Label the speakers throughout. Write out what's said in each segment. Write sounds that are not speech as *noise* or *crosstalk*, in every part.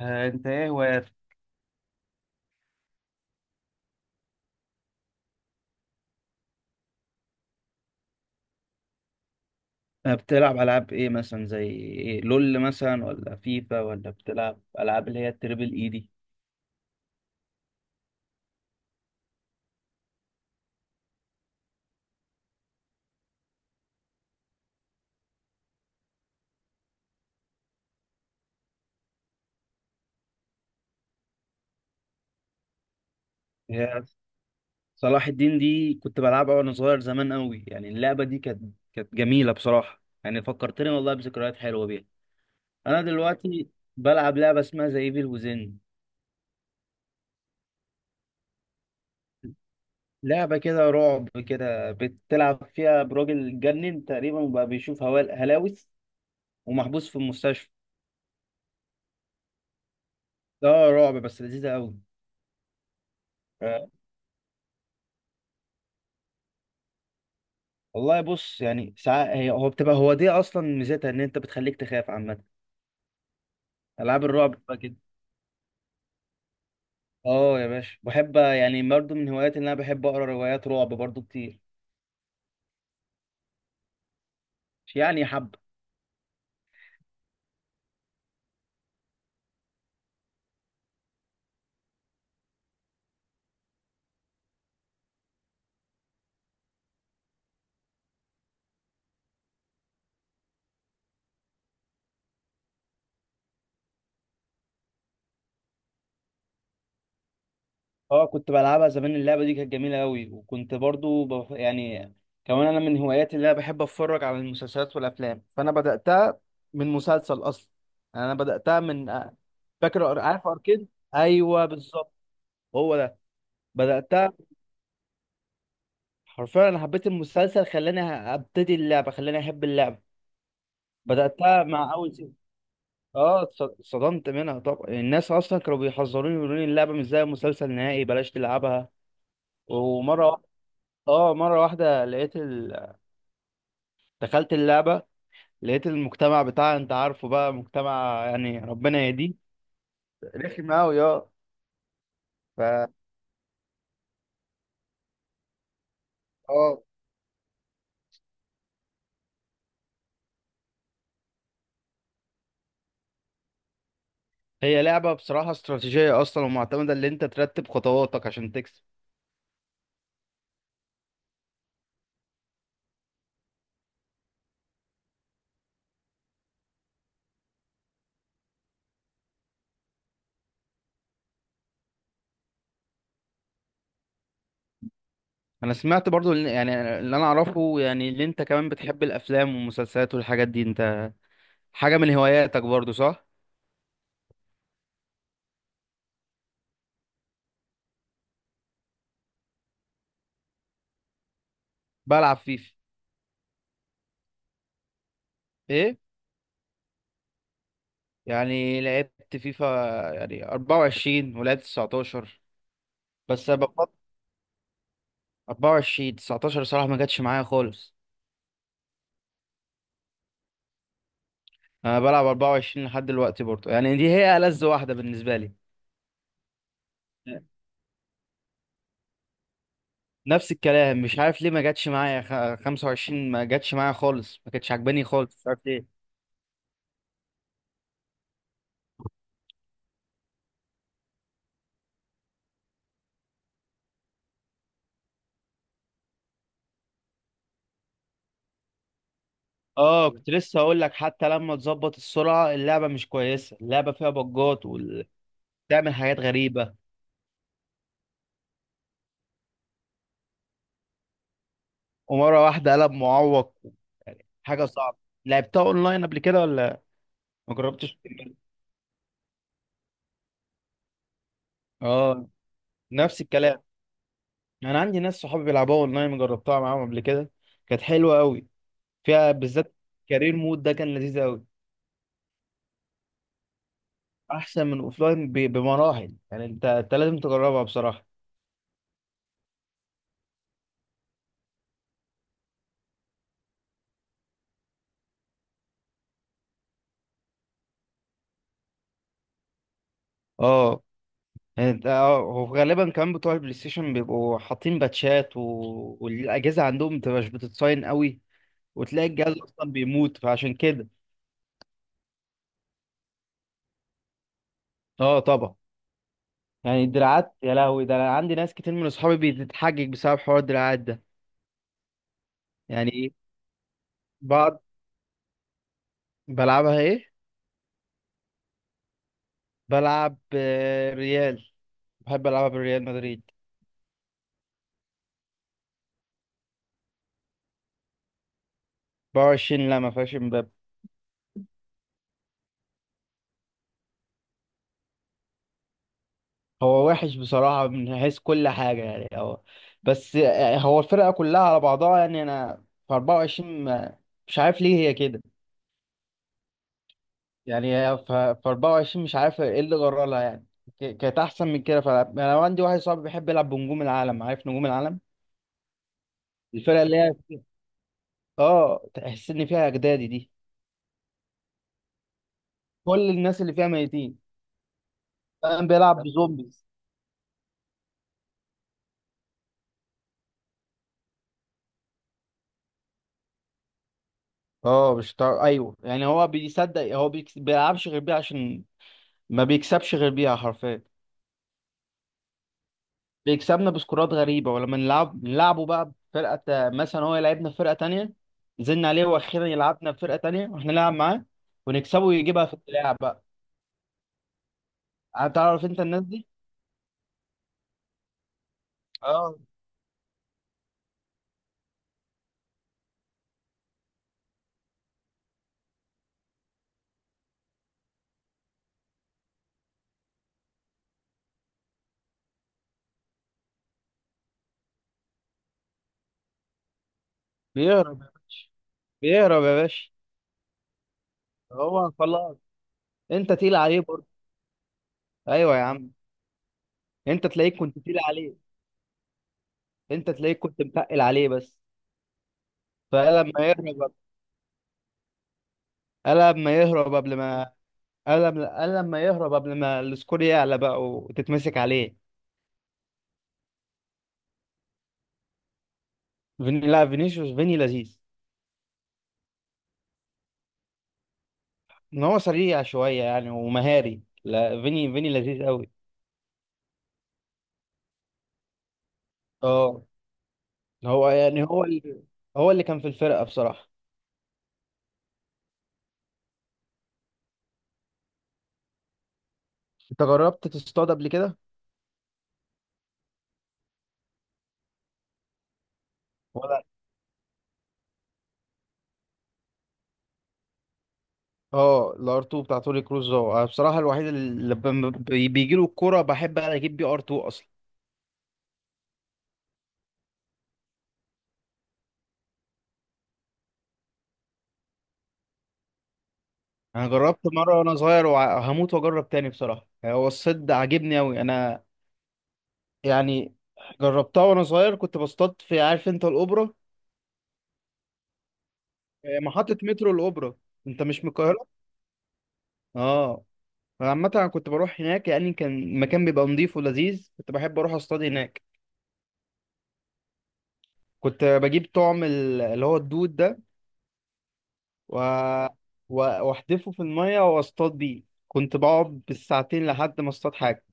Speaker 1: آه، انت ايه هواياتك؟ بتلعب ألعاب إيه مثلا زي إيه؟ لول، مثلا ولا فيفا، ولا بتلعب ألعاب اللي هي التريبل إي دي؟ هي صلاح الدين دي كنت بلعبها وأنا صغير زمان أوي، يعني اللعبة دي كانت جميلة بصراحة، يعني فكرتني والله بذكريات حلوة بيها. أنا دلوقتي بلعب لعبة اسمها زي ايفل وزن. لعبة كده رعب، كده بتلعب فيها براجل اتجنن تقريبا وبقى بيشوف هلاوس ومحبوس في المستشفى. ده رعب بس لذيذة أوي. آه، والله بص، يعني ساعات هي، هو بتبقى، هو دي اصلا ميزتها ان انت بتخليك تخاف عامه. العاب الرعب *laughs* بتبقى كده. اه يا باشا، بحب يعني برضه. من هواياتي ان انا بحب اقرا روايات رعب برضه كتير. مش يعني حب. اه كنت بلعبها زمان، اللعبه دي كانت جميله قوي، وكنت برضه يعني. كمان انا من هواياتي اللي انا بحب اتفرج على المسلسلات والافلام، فانا بداتها من مسلسل اصلا. يعني انا بداتها من. فاكر، عارف اركين؟ ايوه بالظبط. هو ده. بداتها، حرفيا انا حبيت المسلسل خلاني ابتدي اللعبه، خلاني احب اللعبه. بداتها مع اول سيزون. اه اتصدمت منها طبعا، الناس اصلا كانوا بيحذروني يقولوا لي اللعبه مش زي المسلسل نهائي بلاش تلعبها. ومره واحده، اه مره واحده لقيت دخلت اللعبه. لقيت المجتمع بتاعها، انت عارفه بقى، مجتمع يعني ربنا يهديه. رخم قوي اه. ف اه هي لعبه بصراحه استراتيجيه اصلا، ومعتمده ان انت ترتب خطواتك عشان تكسب. انا سمعت برضو يعني اللي انا اعرفه، يعني اللي انت كمان بتحب الافلام والمسلسلات والحاجات دي، انت حاجه من هواياتك برضو صح؟ بلعب فيفا. ايه. يعني لعبت فيفا يعني 24، ولعبت 19. بس أنا بفضل 24. 19 صراحه ما جاتش معايا خالص. انا بلعب 24 لحد دلوقتي برضو، يعني دي هي ألذ واحده بالنسبه لي. نفس الكلام، مش عارف ليه ما جاتش معايا 25 ما جاتش معايا خالص، ما كانتش عاجباني خالص مش عارف. اه كنت لسه هقول لك، حتى لما تظبط السرعه اللعبه مش كويسه، اللعبه فيها بجات وبتعمل حاجات غريبه. ومره واحده قلب معوق، حاجه صعبه. لعبتها اونلاين قبل كده ولا؟ ما جربتش. اه نفس الكلام. انا عندي ناس صحابي بيلعبوها اونلاين، جربتها معاهم قبل كده. كانت حلوه قوي، فيها بالذات كارير مود ده كان لذيذ قوي. احسن من اوفلاين بمراحل، يعني انت لازم تجربها بصراحه. اه يعني هو غالبا كمان بتوع البلاي ستيشن بيبقوا حاطين باتشات، و... والاجهزه عندهم مبتبقاش بتتصاين قوي، وتلاقي الجهاز اصلا بيموت، فعشان كده. اه طبعا. يعني الدراعات يا لهوي، ده انا عندي ناس كتير من اصحابي بتتحجج بسبب حوار الدراعات ده. يعني بعض. بلعبها ايه. بلعب ريال، بحب العبها بالريال مدريد. 24 لا، ما فيهاش. هو وحش بصراحة من حيث كل حاجة، يعني هو. بس يعني هو الفرقة كلها على بعضها، يعني أنا في 24 مش عارف ليه هي كده. يعني هي في 24، مش عارف إيه اللي جرى لها يعني. كانت أحسن من كده، فأنا عندي واحد صاحبي بيحب يلعب بنجوم العالم، عارف نجوم العالم؟ الفرقة اللي هي تحس إن فيها أجدادي دي، كل الناس اللي فيها ميتين. كان بيلعب بزومبيز. آه مش طا- أيوه، يعني هو بيصدق، هو بيلعبش غير بيها عشان ما بيكسبش غير بيها حرفيا. بيكسبنا بسكورات غريبة، ولما نلعب نلعبه بقى بفرقة مثلا هو يلعبنا في فرقة تانية. نزلنا عليه واخيرا يلعبنا في فرقة تانية، واحنا نلعب معاه ونكسبه ويجيبها في اللعب بقى. هتعرف انت الناس دي. اه بيهرب يا باشا، بيهرب يا باشا. هو خلاص. انت تقيل عليه برضه. ايوه يا عم. انت تلاقيك كنت تقيل عليه، انت تلاقيك كنت متقل عليه بس. فقال لما يهرب. قال لما يهرب قبل ما قال لما يهرب قبل ما السكور يعلى بقى وتتمسك عليه. فيني، لا فينيسيوس، فيني لذيذ. ان هو سريع شويه يعني ومهاري، لا فيني، فيني لذيذ قوي. اه، هو يعني، هو اللي كان في الفرقه بصراحه. انت جربت تصطاد قبل كده ولا؟ اه، الار 2 بتاع توني كروز ده أنا بصراحه الوحيد اللي لما بيجي له الكوره بحب اجيب بيه ار 2 اصلا. انا جربت مره وانا صغير، وهموت واجرب تاني بصراحه، يعني هو الصد عاجبني قوي انا. يعني جربتها وانا صغير، كنت بصطاد في، عارف انت الاوبرا؟ محطه مترو الاوبرا. انت مش من القاهره؟ اه. عامة أنا كنت بروح هناك، يعني كان المكان بيبقى نضيف ولذيذ، كنت بحب أروح أصطاد هناك. كنت بجيب طعم اللي هو الدود ده، و... وأحدفه في المية وأصطاد بيه، كنت بقعد بالساعتين لحد ما أصطاد حاجة.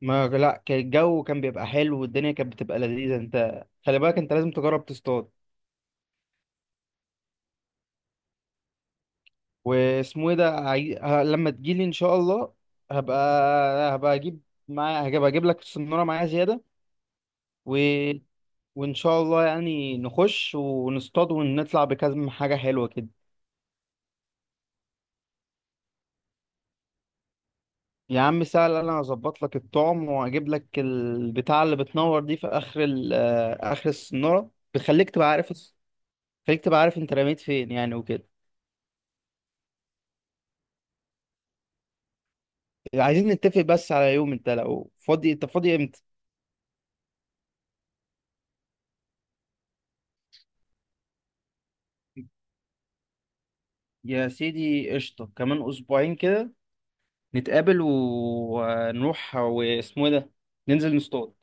Speaker 1: ما لا، كان الجو كان بيبقى حلو، والدنيا كانت بتبقى لذيذة. أنت خلي بالك، أنت لازم تجرب تصطاد. واسمه إيه ده، لما تجيلي إن شاء الله. هبقى هبقى أجيب هبقى أجيب لك السنارة معايا زيادة، و... وإن شاء الله يعني نخش ونصطاد ونطلع بكذا حاجة حلوة كده. يا عم سهل، أنا هظبط لك الطعم وأجيب لك البتاعة اللي بتنور دي في آخر ال آه، آخر السنارة، بتخليك تبقى عارف. خليك تبقى عارف أنت رميت فين، يعني وكده. عايزين نتفق بس على يوم، أنت لو فاضي، أنت فاضي إمتى؟ يا سيدي قشطة، كمان أسبوعين كده. نتقابل ونروح، واسمه إيه ده، ننزل نصطاد.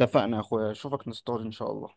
Speaker 1: اتفقنا يا أخويا، أشوفك نصطاد إن شاء الله.